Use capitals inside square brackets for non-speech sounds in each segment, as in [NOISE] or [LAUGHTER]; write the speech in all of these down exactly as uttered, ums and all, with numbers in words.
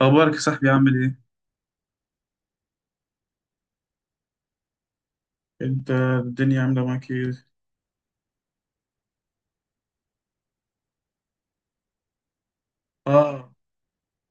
اخبارك يا صاحبي، عامل ايه؟ انت الدنيا عامله معاك ايه؟ اه.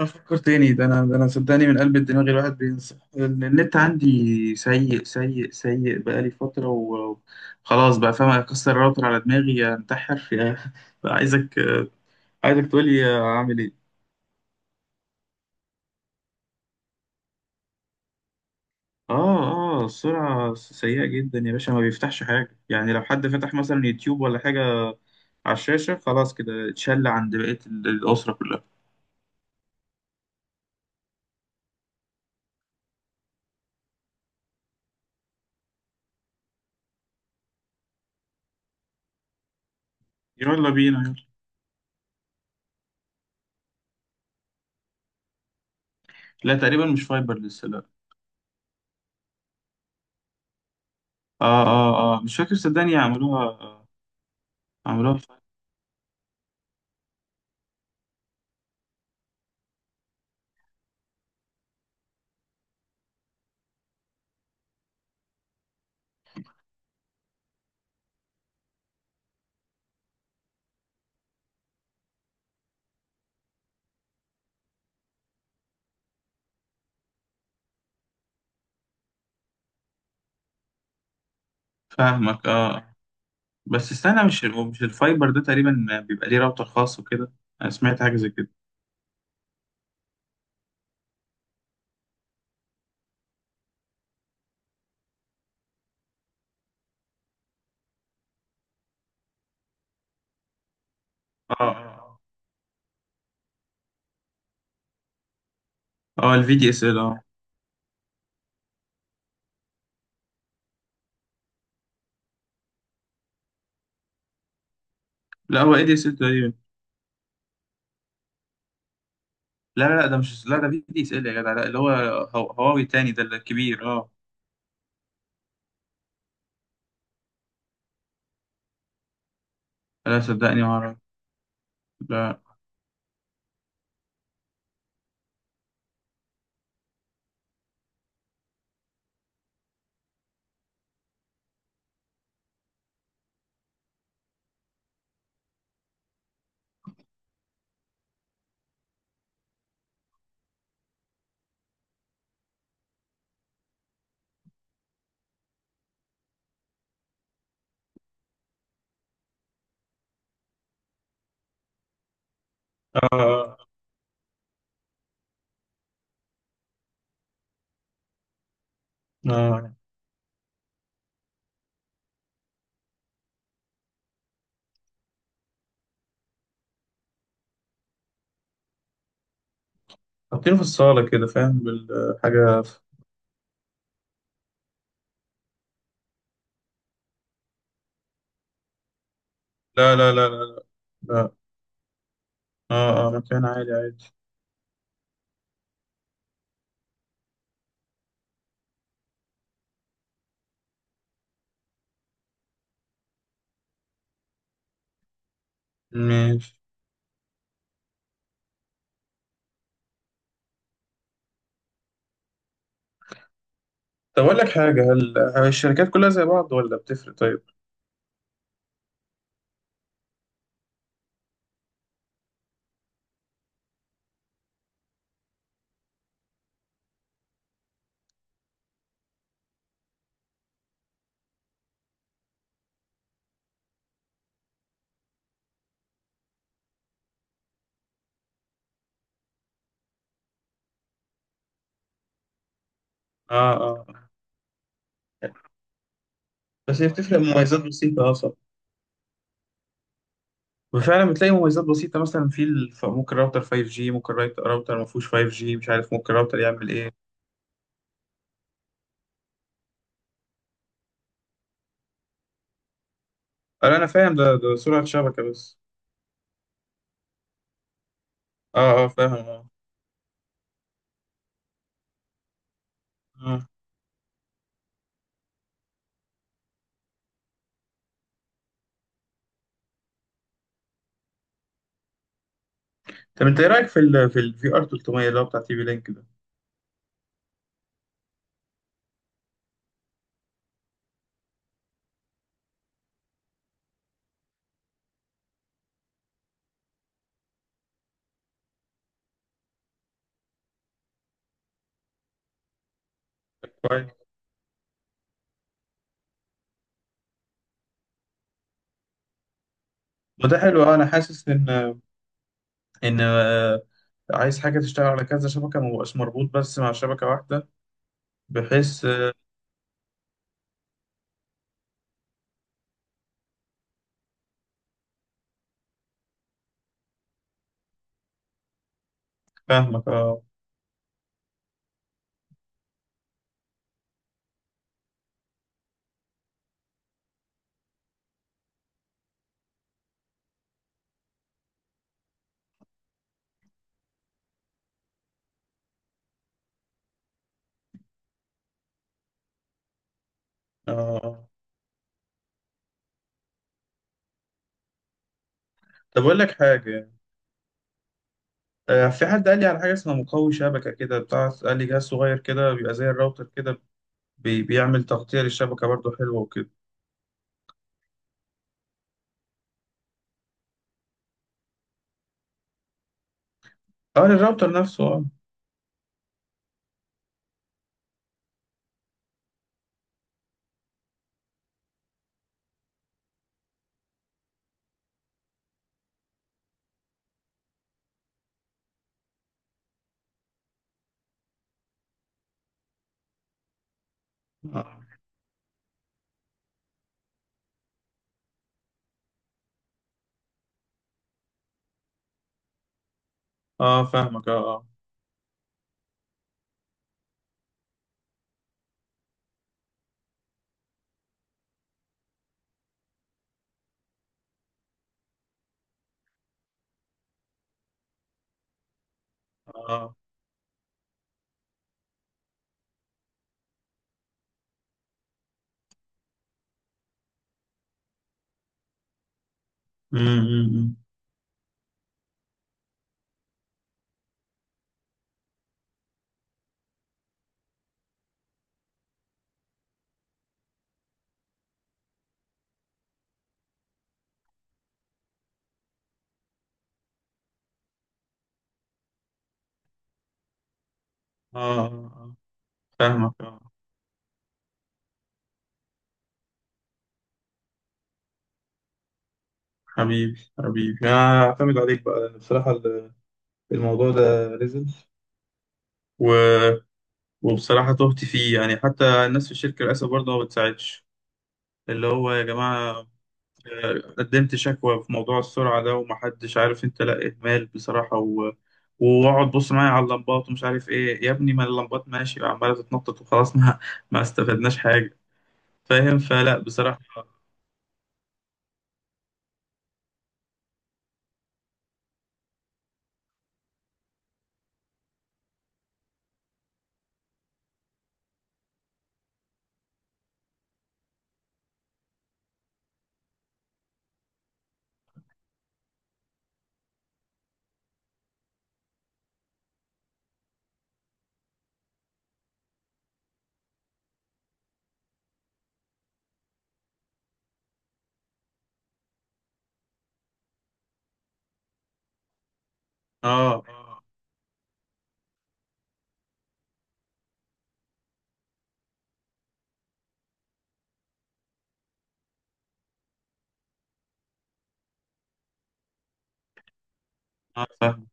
افكر تاني، ده انا ده انا صدقني، من قلب الدماغ الواحد بينسى. ال- النت عندي سيء سيء سيء، بقالي فتره و- وخلاص، بقى فاهم اكسر الراوتر على دماغي انتحر [LAUGHS] يا. بقى عايزك عايزك تقولي اعمل ايه. اه. اه، السرعه سيئه جدا يا باشا، ما بيفتحش حاجه. يعني لو حد فتح مثلا يوتيوب ولا حاجه على الشاشه خلاص كده اتشل عند بقيه ال- الاسره كلها. يلا بينا، يلا. لا، تقريبا مش فايبر لسه، لا. اه اه اه، مش فاكر صدقني، عملوها آه، عملوها في- فاهمك، اه. بس استنى، مش هو مش الفايبر ده تقريبا بيبقى ليه راوتر خاص وكده؟ انا سمعت حاجه زي كده. اه اه اه، الفي دي اس ال، اه. لا، هو اي دي اس ال تقريبا. لا لا لا، ده مش، لا، ده في دي اس ال يا جدع، لا اللي هو هو- هواوي تاني ده الكبير، اه. لا، صدقني ما اعرف. لا. اه اه آه. حاطينه في الصاله كده، فاهم بالحاجه. لا لا لا لا لا. لا. اه اه، مكان عالي عادي. ماشي. طب أقول لك حاجة، هل هل الشركات كلها زي بعض ولا بتفرق، طيب؟ آه آه. بس هي بتفرق مميزات بسيطة أصلا. وفعلا بتلاقي مميزات بسيطة، مثلا في الف... ممكن راوتر فايف جي، ممكن رايت- راوتر ما فيهوش فايف جي، مش عارف ممكن راوتر يعمل إيه. أنا أنا فاهم، ده ده سرعة شبكة بس. آه آه، فاهم، آه آه. طب أنت إيه رأيك في ال في ال في آر تلتمية اللي هو بتاع تي في لينك ده؟ كويس. ما ده حلو. آه، أنا حاسس إن إن آه، عايز حاجة تشتغل على كذا شبكة، ما بقاش مربوط بس مع شبكة واحدة. بحيث آه، فاهمك آه آه آه. طب أقول لك حاجة، آه، في حد قال لي على حاجة اسمها مقوي شبكة كده، بتاع قال لي جهاز صغير كده بيبقى زي الراوتر كده، بي... بيعمل تغطية للشبكة برضه حلوة وكده. اه، للراوتر نفسه، اه. اه آه، فاهمك اه اه اه. أمم، أمم، أمم. اه آه، آه. آه. فاهمك اه. حبيبي حبيبي، انا اعتمد عليك بقى لأن بصراحة ال- الموضوع ده نزل، و... وبصراحة تهت فيه، يعني حتى الناس في الشركة للأسف برضه ما بتساعدش. اللي هو يا جماعة قدمت شكوى في موضوع السرعة ده ومحدش عارف انت، لا اهمال بصراحة، و... واقعد بص معايا على اللمبات ومش عارف ايه يا ابني، ما اللمبات ماشي عمالة تتنطط وخلاص [LAUGHS] ما ما استفدناش حاجة. فاهم، فلا بصراحة. اه اه اه، فاهم،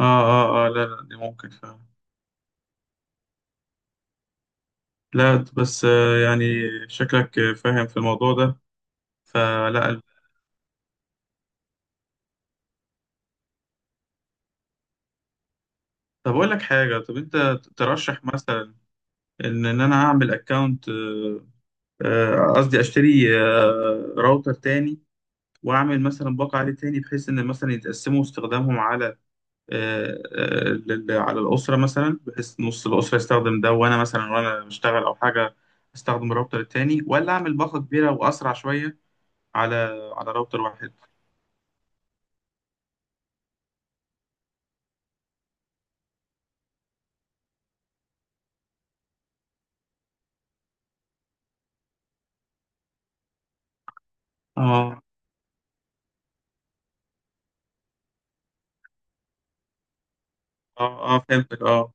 اه. اه اه، لا لا، دي ممكن، فاهم. لا بس، آه، يعني شكلك آه، فاهم في الموضوع ده. فلا. طب اقول لك حاجة، طب انت ترشح مثلا ان ان انا اعمل اكونت، قصدي اشتري آه، راوتر تاني، واعمل مثلا باقة عليه تاني، بحيث ان مثلا يتقسموا استخدامهم على آه، آه، لل- على الاسره مثلا، بحيث نص الاسره يستخدم ده وانا مثلا وانا بشتغل او حاجه استخدم الراوتر التاني، ولا اعمل باقة كبيره واسرع شويه على على راوتر واحد. اه اه اه، فهمتك، اه.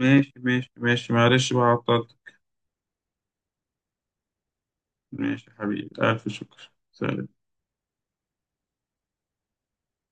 ماشي ماشي ماشي، معلش بقى عطلت. ماشي يا حبيبي، الف شكر، سلام.